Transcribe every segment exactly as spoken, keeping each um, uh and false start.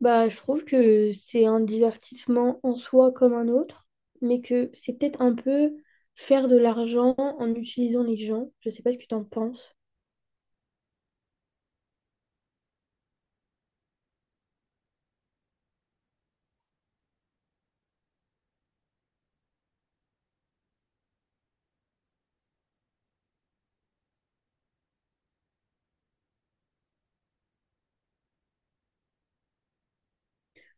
Bah, je trouve que c'est un divertissement en soi comme un autre, mais que c'est peut-être un peu faire de l'argent en utilisant les gens. Je sais pas ce que tu en penses.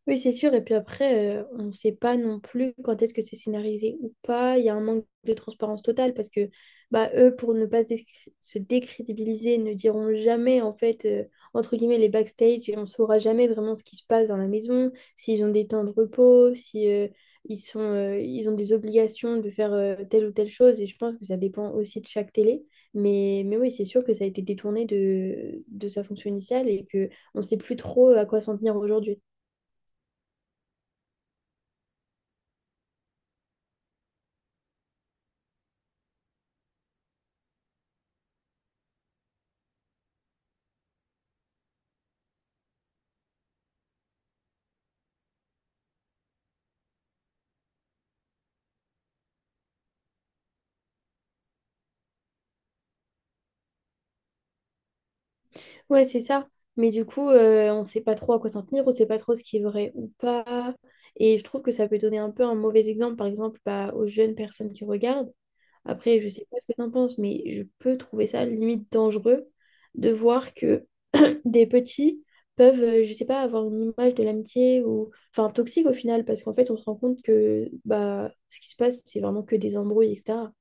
Oui, c'est sûr. Et puis après, euh, on ne sait pas non plus quand est-ce que c'est scénarisé ou pas. Il y a un manque de transparence totale parce que bah, eux, pour ne pas se déscr- se décrédibiliser, ne diront jamais, en fait, euh, entre guillemets, les backstage et on ne saura jamais vraiment ce qui se passe dans la maison, s'ils ont des temps de repos, si euh, ils sont, euh, ils ont des obligations de faire euh, telle ou telle chose. Et je pense que ça dépend aussi de chaque télé. Mais, mais oui, c'est sûr que ça a été détourné de, de sa fonction initiale et que on ne sait plus trop à quoi s'en tenir aujourd'hui. Ouais, c'est ça. Mais du coup, euh, on ne sait pas trop à quoi s'en tenir, on ne sait pas trop ce qui est vrai ou pas. Et je trouve que ça peut donner un peu un mauvais exemple, par exemple, bah, aux jeunes personnes qui regardent. Après, je sais pas ce que t'en penses, mais je peux trouver ça limite dangereux de voir que des petits peuvent, euh, je sais pas, avoir une image de l'amitié ou, enfin, toxique au final, parce qu'en fait, on se rend compte que bah, ce qui se passe, c'est vraiment que des embrouilles, et cetera.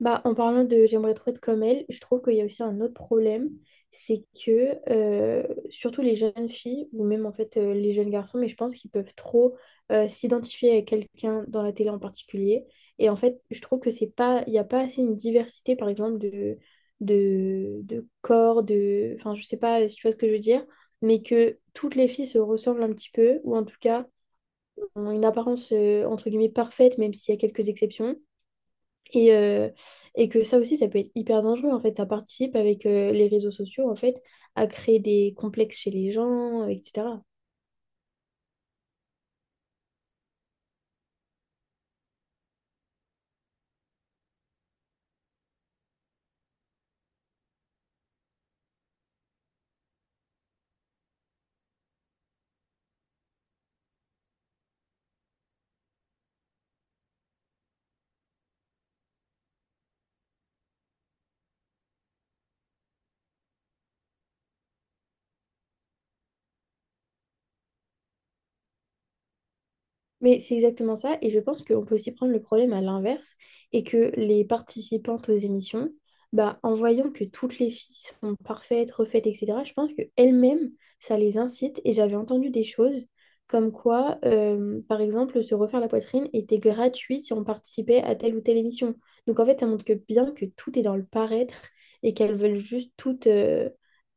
Bah, en parlant de j'aimerais trop être comme elle, je trouve qu'il y a aussi un autre problème, c'est que euh, surtout les jeunes filles, ou même en fait euh, les jeunes garçons, mais je pense qu'ils peuvent trop euh, s'identifier à quelqu'un dans la télé en particulier. Et en fait, je trouve que c'est pas, il n'y a pas assez une diversité, par exemple, de, de, de corps, de. Enfin, je sais pas si tu vois ce que je veux dire, mais que toutes les filles se ressemblent un petit peu, ou en tout cas ont une apparence euh, entre guillemets parfaite, même s'il y a quelques exceptions. Et, euh, et que ça aussi, ça peut être hyper dangereux. En fait, ça participe avec euh, les réseaux sociaux, en fait, à créer des complexes chez les gens, euh, et cetera. Mais c'est exactement ça, et je pense qu'on peut aussi prendre le problème à l'inverse, et que les participantes aux émissions, bah, en voyant que toutes les filles sont parfaites, refaites, et cetera, je pense qu'elles-mêmes, ça les incite, et j'avais entendu des choses comme quoi, euh, par exemple, se refaire la poitrine était gratuit si on participait à telle ou telle émission. Donc en fait, ça montre que bien que tout est dans le paraître, et qu'elles veulent juste toutes euh,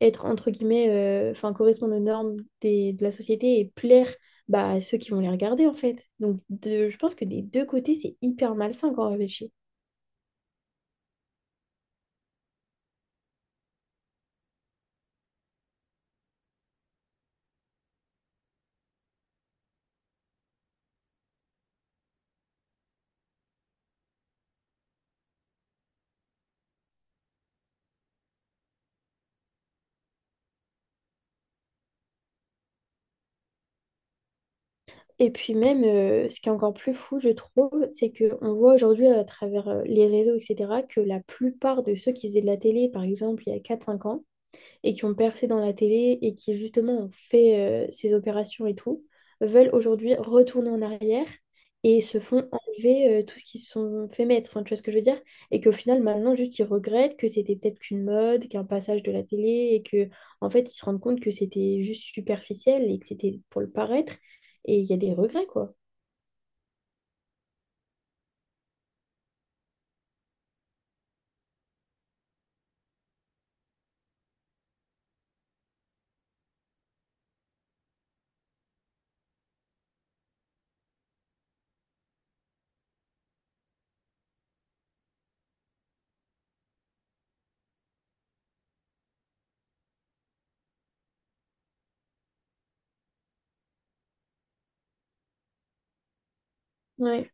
être, entre guillemets, euh, enfin, correspondre aux normes des- de la société et plaire bah, ceux qui vont les regarder en fait. Donc de- je pense que des deux côtés, c'est hyper malsain quand on réfléchit. Et puis même, euh, ce qui est encore plus fou, je trouve, c'est qu'on voit aujourd'hui à travers euh, les réseaux, et cetera, que la plupart de ceux qui faisaient de la télé, par exemple, il y a quatre cinq ans, et qui ont percé dans la télé et qui justement ont fait euh, ces opérations et tout, veulent aujourd'hui retourner en arrière et se font enlever euh, tout ce qu'ils se sont fait mettre. Enfin, tu vois ce que je veux dire? Et qu'au final, maintenant, juste, ils regrettent que c'était peut-être qu'une mode, qu'un passage de la télé et que, en fait, ils se rendent compte que c'était juste superficiel et que c'était pour le paraître. Et il y a des regrets, quoi. Ouais.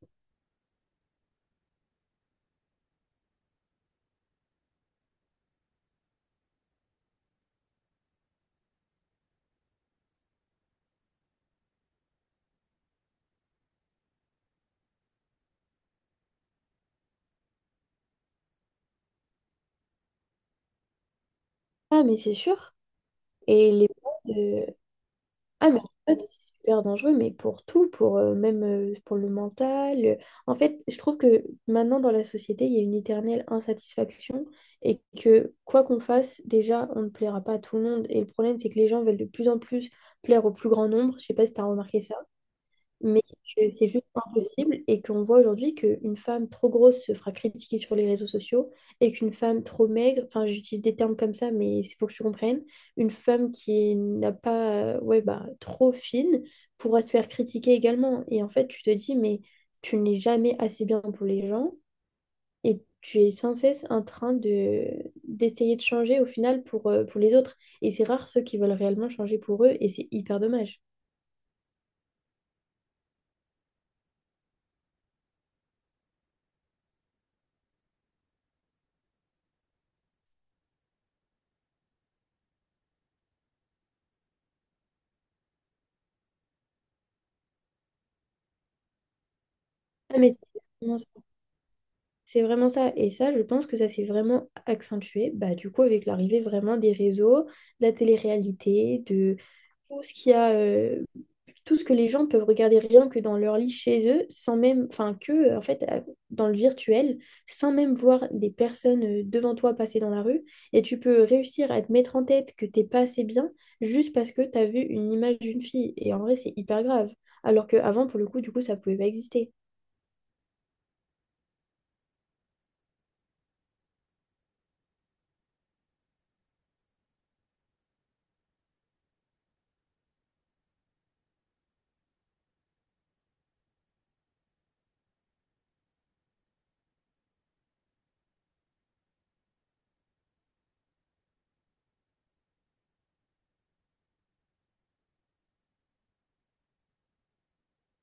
Ah, mais c'est sûr. Et les modes, euh, Ah, mais en fait, c'est super dangereux, mais pour tout, pour euh, même euh, pour le mental. euh. En fait, je trouve que maintenant dans la société, il y a une éternelle insatisfaction et que quoi qu'on fasse, déjà, on ne plaira pas à tout le monde. Et le problème, c'est que les gens veulent de plus en plus plaire au plus grand nombre. Je sais pas si tu as remarqué ça mais que c'est juste impossible et qu'on voit aujourd'hui qu'une femme trop grosse se fera critiquer sur les réseaux sociaux et qu'une femme trop maigre, enfin j'utilise des termes comme ça, mais c'est pour que tu comprennes, une femme qui n'a pas, euh, ouais, bah, trop fine pourra se faire critiquer également. Et en fait, tu te dis, mais tu n'es jamais assez bien pour les gens et tu es sans cesse en train de d'essayer de changer au final pour, euh, pour les autres. Et c'est rare ceux qui veulent réellement changer pour eux et c'est hyper dommage. Ah, mais c'est- C'est vraiment ça. Et ça, je pense que ça s'est vraiment accentué, bah, du coup, avec l'arrivée vraiment des réseaux, de la télé-réalité, de tout ce qu'il y a, euh, tout ce que les gens peuvent regarder rien que dans leur lit chez eux, sans même, enfin, que, en fait, euh, dans le virtuel, sans même voir des personnes euh, devant toi passer dans la rue. Et tu peux réussir à te mettre en tête que t'es pas assez bien juste parce que t'as vu une image d'une fille. Et en vrai, c'est hyper grave. Alors qu'avant, pour le coup, du coup, ça pouvait pas exister.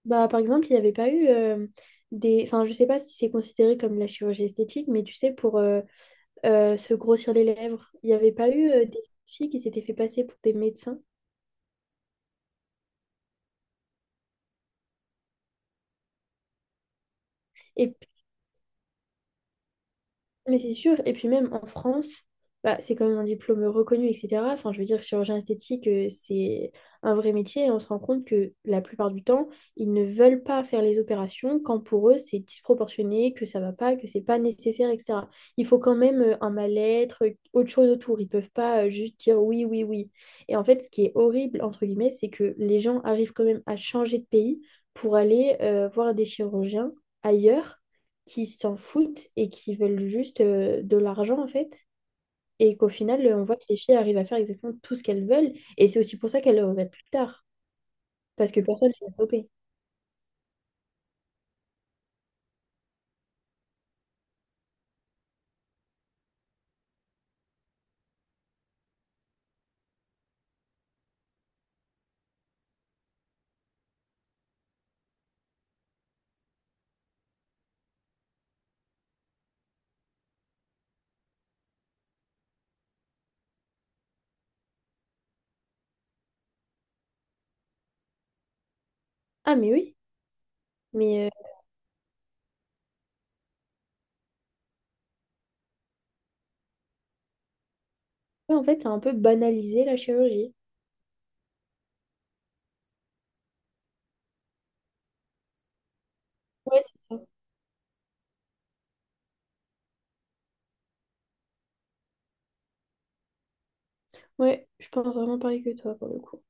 Bah, par exemple, il n'y avait pas eu euh, des... Enfin, je sais pas si c'est considéré comme de la chirurgie esthétique, mais tu sais, pour euh, euh, se grossir les lèvres, il n'y avait pas eu euh, des filles qui s'étaient fait passer pour des médecins. Et mais c'est sûr, et puis même en France, bah, c'est quand même un diplôme reconnu, et cetera. Enfin, je veux dire, chirurgien esthétique, euh, c'est un vrai métier et on se rend compte que la plupart du temps, ils ne veulent pas faire les opérations quand pour eux, c'est disproportionné, que ça va pas, que c'est pas nécessaire, et cetera. Il faut quand même euh, un mal-être, euh, autre chose autour. Ils peuvent pas euh, juste dire oui, oui, oui. Et en fait, ce qui est horrible, entre guillemets, c'est que les gens arrivent quand même à changer de pays pour aller euh, voir des chirurgiens ailleurs qui s'en foutent et qui veulent juste euh, de l'argent en fait. Et qu'au final, euh, on voit que les filles arrivent à faire exactement tout ce qu'elles veulent. Et c'est aussi pour ça qu'elles le regrettent plus tard. Parce que personne ne les a stoppées. Ah mais oui, mais euh, ouais, en fait, c'est un peu banalisé la chirurgie. Ouais, c'est ça. Ouais, je pense vraiment pareil que toi pour le coup.